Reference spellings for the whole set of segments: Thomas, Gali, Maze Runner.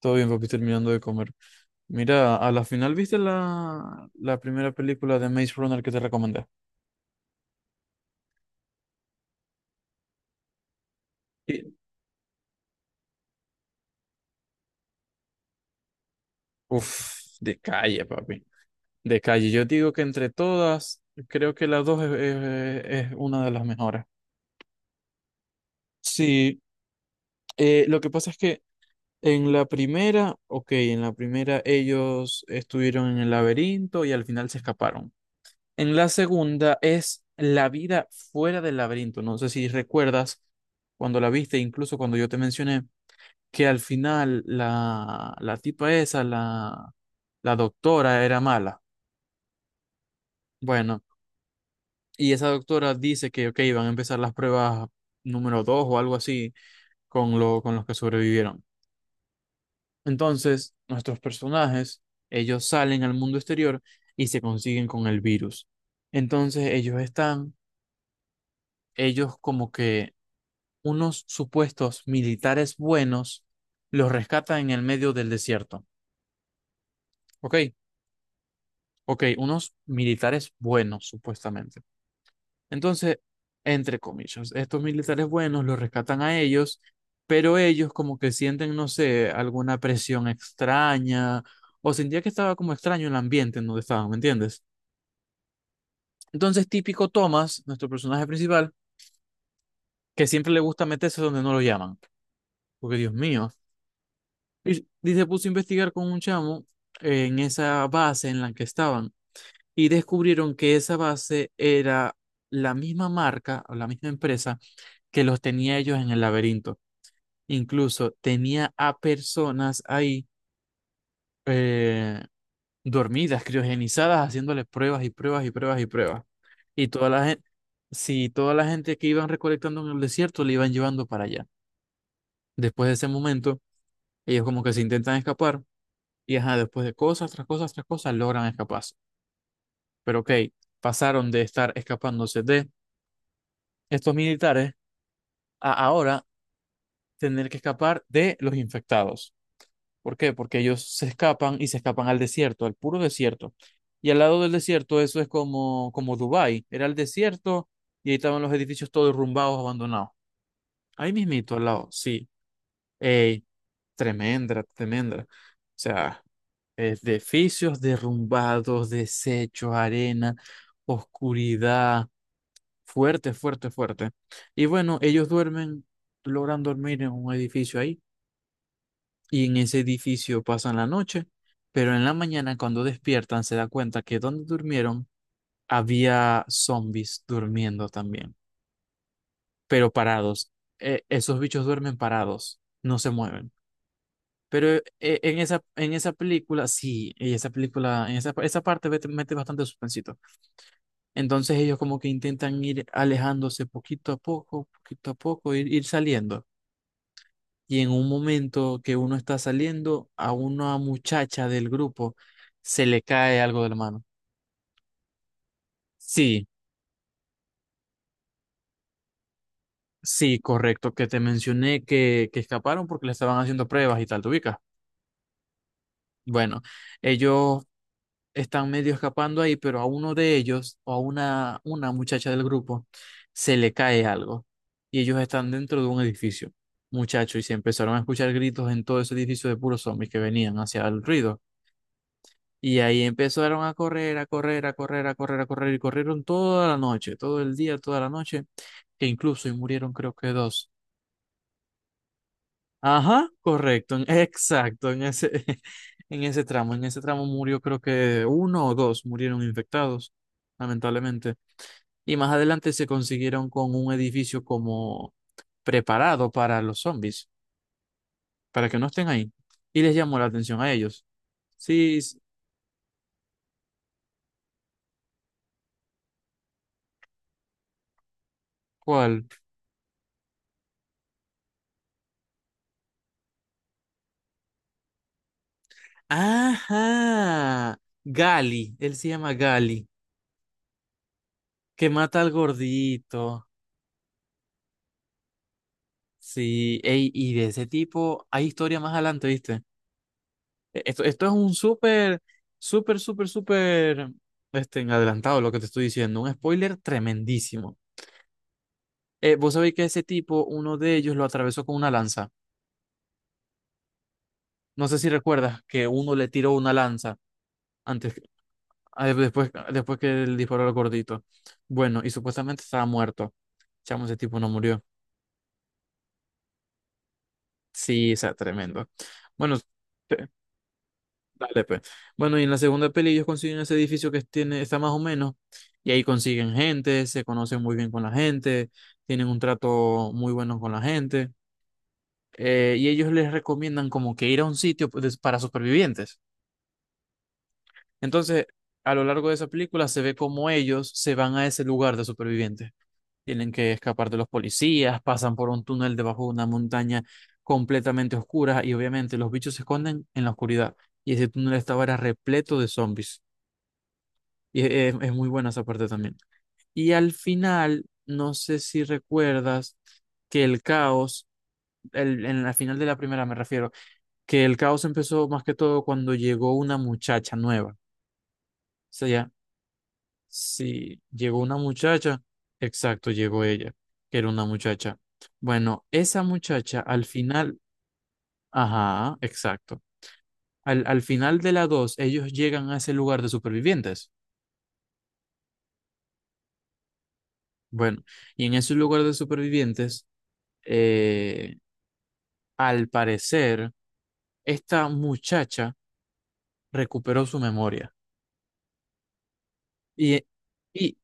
Todo bien, papi, terminando de comer. Mira, a la final viste la primera película de Maze Runner que te recomendé. Y- Uf, de calle, papi. De calle. Yo digo que entre todas, creo que la dos es una de las mejores. Sí, lo que pasa es que en la primera, ok, en la primera ellos estuvieron en el laberinto y al final se escaparon. En la segunda es la vida fuera del laberinto. No sé si recuerdas cuando la viste, incluso cuando yo te mencioné que al final la tipa esa, la doctora, era mala. Bueno, y esa doctora dice que, ok, van a empezar las pruebas número 2 o algo así con los que sobrevivieron. Entonces, nuestros personajes, ellos salen al mundo exterior y se consiguen con el virus. Entonces, ellos como que unos supuestos militares buenos los rescatan en el medio del desierto. ¿Ok? Ok, unos militares buenos, supuestamente. Entonces, entre comillas, estos militares buenos los rescatan a ellos, pero ellos como que sienten, no sé, alguna presión extraña, o sentía que estaba como extraño el ambiente en donde estaban, ¿me entiendes? Entonces, típico Thomas, nuestro personaje principal, que siempre le gusta meterse donde no lo llaman, porque Dios mío. Y se puso a investigar con un chamo en esa base en la que estaban y descubrieron que esa base era la misma marca o la misma empresa que los tenía ellos en el laberinto. Incluso tenía a personas ahí eh, dormidas, criogenizadas, haciéndoles pruebas y pruebas y pruebas y pruebas. Y toda la gente, si toda la gente que iban recolectando en el desierto le iban llevando para allá. Después de ese momento, ellos como que se intentan escapar. Y ajá, después de cosas, tras cosas, tras cosas, logran escaparse. Pero ok, pasaron de estar escapándose de estos militares a ahora tener que escapar de los infectados. ¿Por qué? Porque ellos se escapan y se escapan al desierto, al puro desierto. Y al lado del desierto, eso es como Dubái. Era el desierto y ahí estaban los edificios todos derrumbados, abandonados. Ahí mismito, al lado, sí. Ey, tremenda, tremenda. O sea. Edificios derrumbados, desechos, arena, oscuridad. Fuerte, fuerte, fuerte. Y bueno, ellos duermen, logran dormir en un edificio ahí, y en ese edificio pasan la noche, pero en la mañana cuando despiertan se da cuenta que donde durmieron había zombies durmiendo también, pero parados. Esos bichos duermen parados, no se mueven. Pero en esa película, sí, en esa película, en esa parte mete bastante suspensito. Entonces ellos como que intentan ir alejándose poquito a poco, ir saliendo. Y en un momento que uno está saliendo, a una muchacha del grupo se le cae algo de la mano. Sí, sí, correcto, que te mencioné que escaparon porque le estaban haciendo pruebas y tal, ¿te ubicas? Bueno, ellos están medio escapando ahí, pero a uno de ellos o a una muchacha del grupo se le cae algo y ellos están dentro de un edificio, muchacho y se empezaron a escuchar gritos en todo ese edificio de puros zombies que venían hacia el ruido. Y ahí empezaron a correr, a correr, a correr, a correr, a correr, y corrieron toda la noche, todo el día, toda la noche, que incluso y murieron creo que dos. Ajá, correcto, exacto, en ese, en ese tramo murió creo que uno o dos murieron infectados, lamentablemente. Y más adelante se consiguieron con un edificio como preparado para los zombies, para que no estén ahí. Y les llamó la atención a ellos. Sí, ¿cuál? Ajá, Gali, él se llama Gali, que mata al gordito. Sí, ey, y de ese tipo hay historia más adelante, ¿viste? Esto es un súper, súper, súper, súper este, en adelantado lo que te estoy diciendo. Un spoiler tremendísimo. Vos sabéis que ese tipo, uno de ellos lo atravesó con una lanza. No sé si recuerdas que uno le tiró una lanza antes, después que él disparó al gordito. Bueno, y supuestamente estaba muerto. Chamo, ese tipo no murió. Sí, o sea, tremendo. Bueno, dale, pues. Bueno, y en la segunda peli ellos consiguen ese edificio que tiene, está más o menos, y ahí consiguen gente, se conocen muy bien con la gente, tienen un trato muy bueno con la gente, y ellos les recomiendan como que ir a un sitio pues, para supervivientes. Entonces, a lo largo de esa película se ve como ellos se van a ese lugar de supervivientes. Tienen que escapar de los policías, pasan por un túnel debajo de una montaña completamente oscura y obviamente los bichos se esconden en la oscuridad. Y ese túnel estaba era repleto de zombies. Y es muy buena esa parte también. Y al final, no sé si recuerdas que el caos, en la final de la primera me refiero, que el caos empezó más que todo cuando llegó una muchacha nueva. O sea, ya, sí, llegó una muchacha, exacto, llegó ella, que era una muchacha. Bueno, esa muchacha al final, ajá, exacto. Al final de la dos, ellos llegan a ese lugar de supervivientes. Bueno, y en ese lugar de supervivientes, eh, Al parecer, esta muchacha recuperó su memoria. Y, y,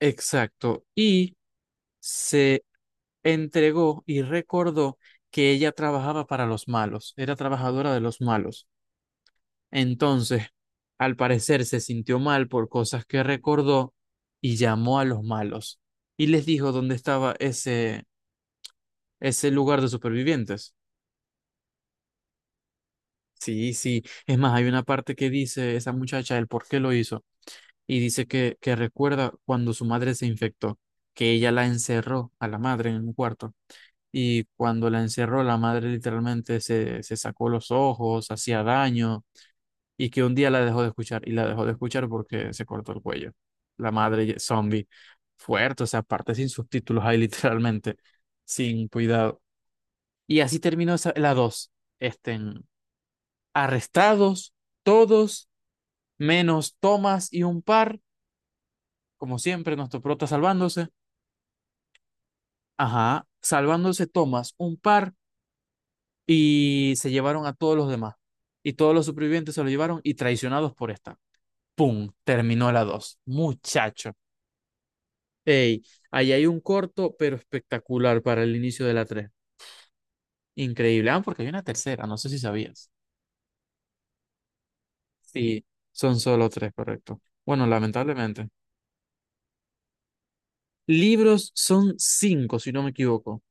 exacto, y se entregó y recordó que ella trabajaba para los malos, era trabajadora de los malos. Entonces, al parecer, se sintió mal por cosas que recordó y llamó a los malos y les dijo dónde estaba ese lugar de supervivientes. Sí, sí. Es más, hay una parte que dice esa muchacha el por qué lo hizo. Y dice que recuerda cuando su madre se infectó, que ella la encerró a la madre en un cuarto. Y cuando la encerró, la madre literalmente se sacó los ojos, hacía daño, y que un día la dejó de escuchar, y la dejó de escuchar porque se cortó el cuello. La madre zombie, fuerte, o sea, aparte sin subtítulos ahí literalmente, sin cuidado. Y así terminó la 2 este, arrestados, todos, menos Tomás y un par, como siempre, nuestro prota salvándose. Ajá, salvándose Tomás, un par, y se llevaron a todos los demás. Y todos los supervivientes se lo llevaron y traicionados por esta. ¡Pum! Terminó la dos, muchacho. Ey, ahí hay un corto, pero espectacular para el inicio de la tres. Increíble. Ah, porque hay una tercera, no sé si sabías. Sí, son solo tres, correcto. Bueno, lamentablemente. Libros son cinco, si no me equivoco.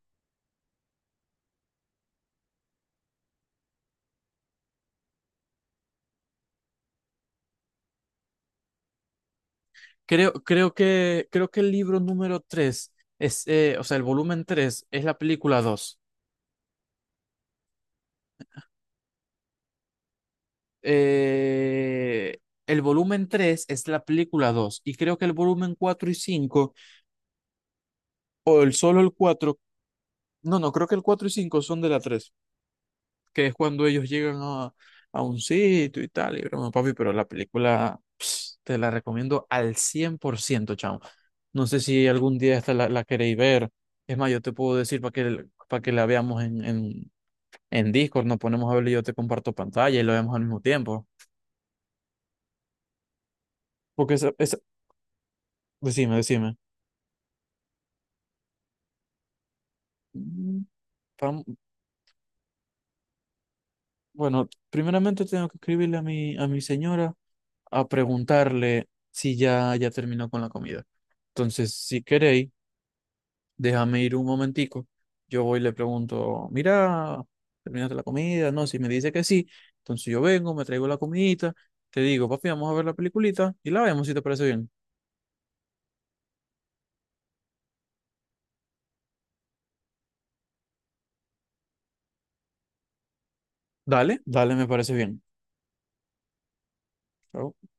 Creo que el libro número 3 es, o sea, el volumen 3 es la película dos. Eh, el volumen 3 es la película 2 y creo que el volumen 4 y 5 o el solo el 4 no, no, creo que el cuatro y 5 son de la 3 que es cuando ellos llegan a, un sitio y tal, y broma, papi, pero la película pss, te la recomiendo al 100% chamo. No sé si algún día esta la queréis ver. Es más, yo te puedo decir para que, la veamos en Discord nos ponemos a hablar y yo te comparto pantalla y lo vemos al mismo tiempo. Porque esa. Decime, decime. Mm, vam- Bueno, primeramente tengo que escribirle a mi señora a preguntarle si ya terminó con la comida. Entonces, si queréis, déjame ir un momentico. Yo voy y le pregunto, mira, ¿terminaste la comida? No, si me dice que sí, entonces yo vengo, me traigo la comidita, te digo, papi, vamos a ver la peliculita y la vemos si te parece bien. Dale, dale, me parece bien. Chao.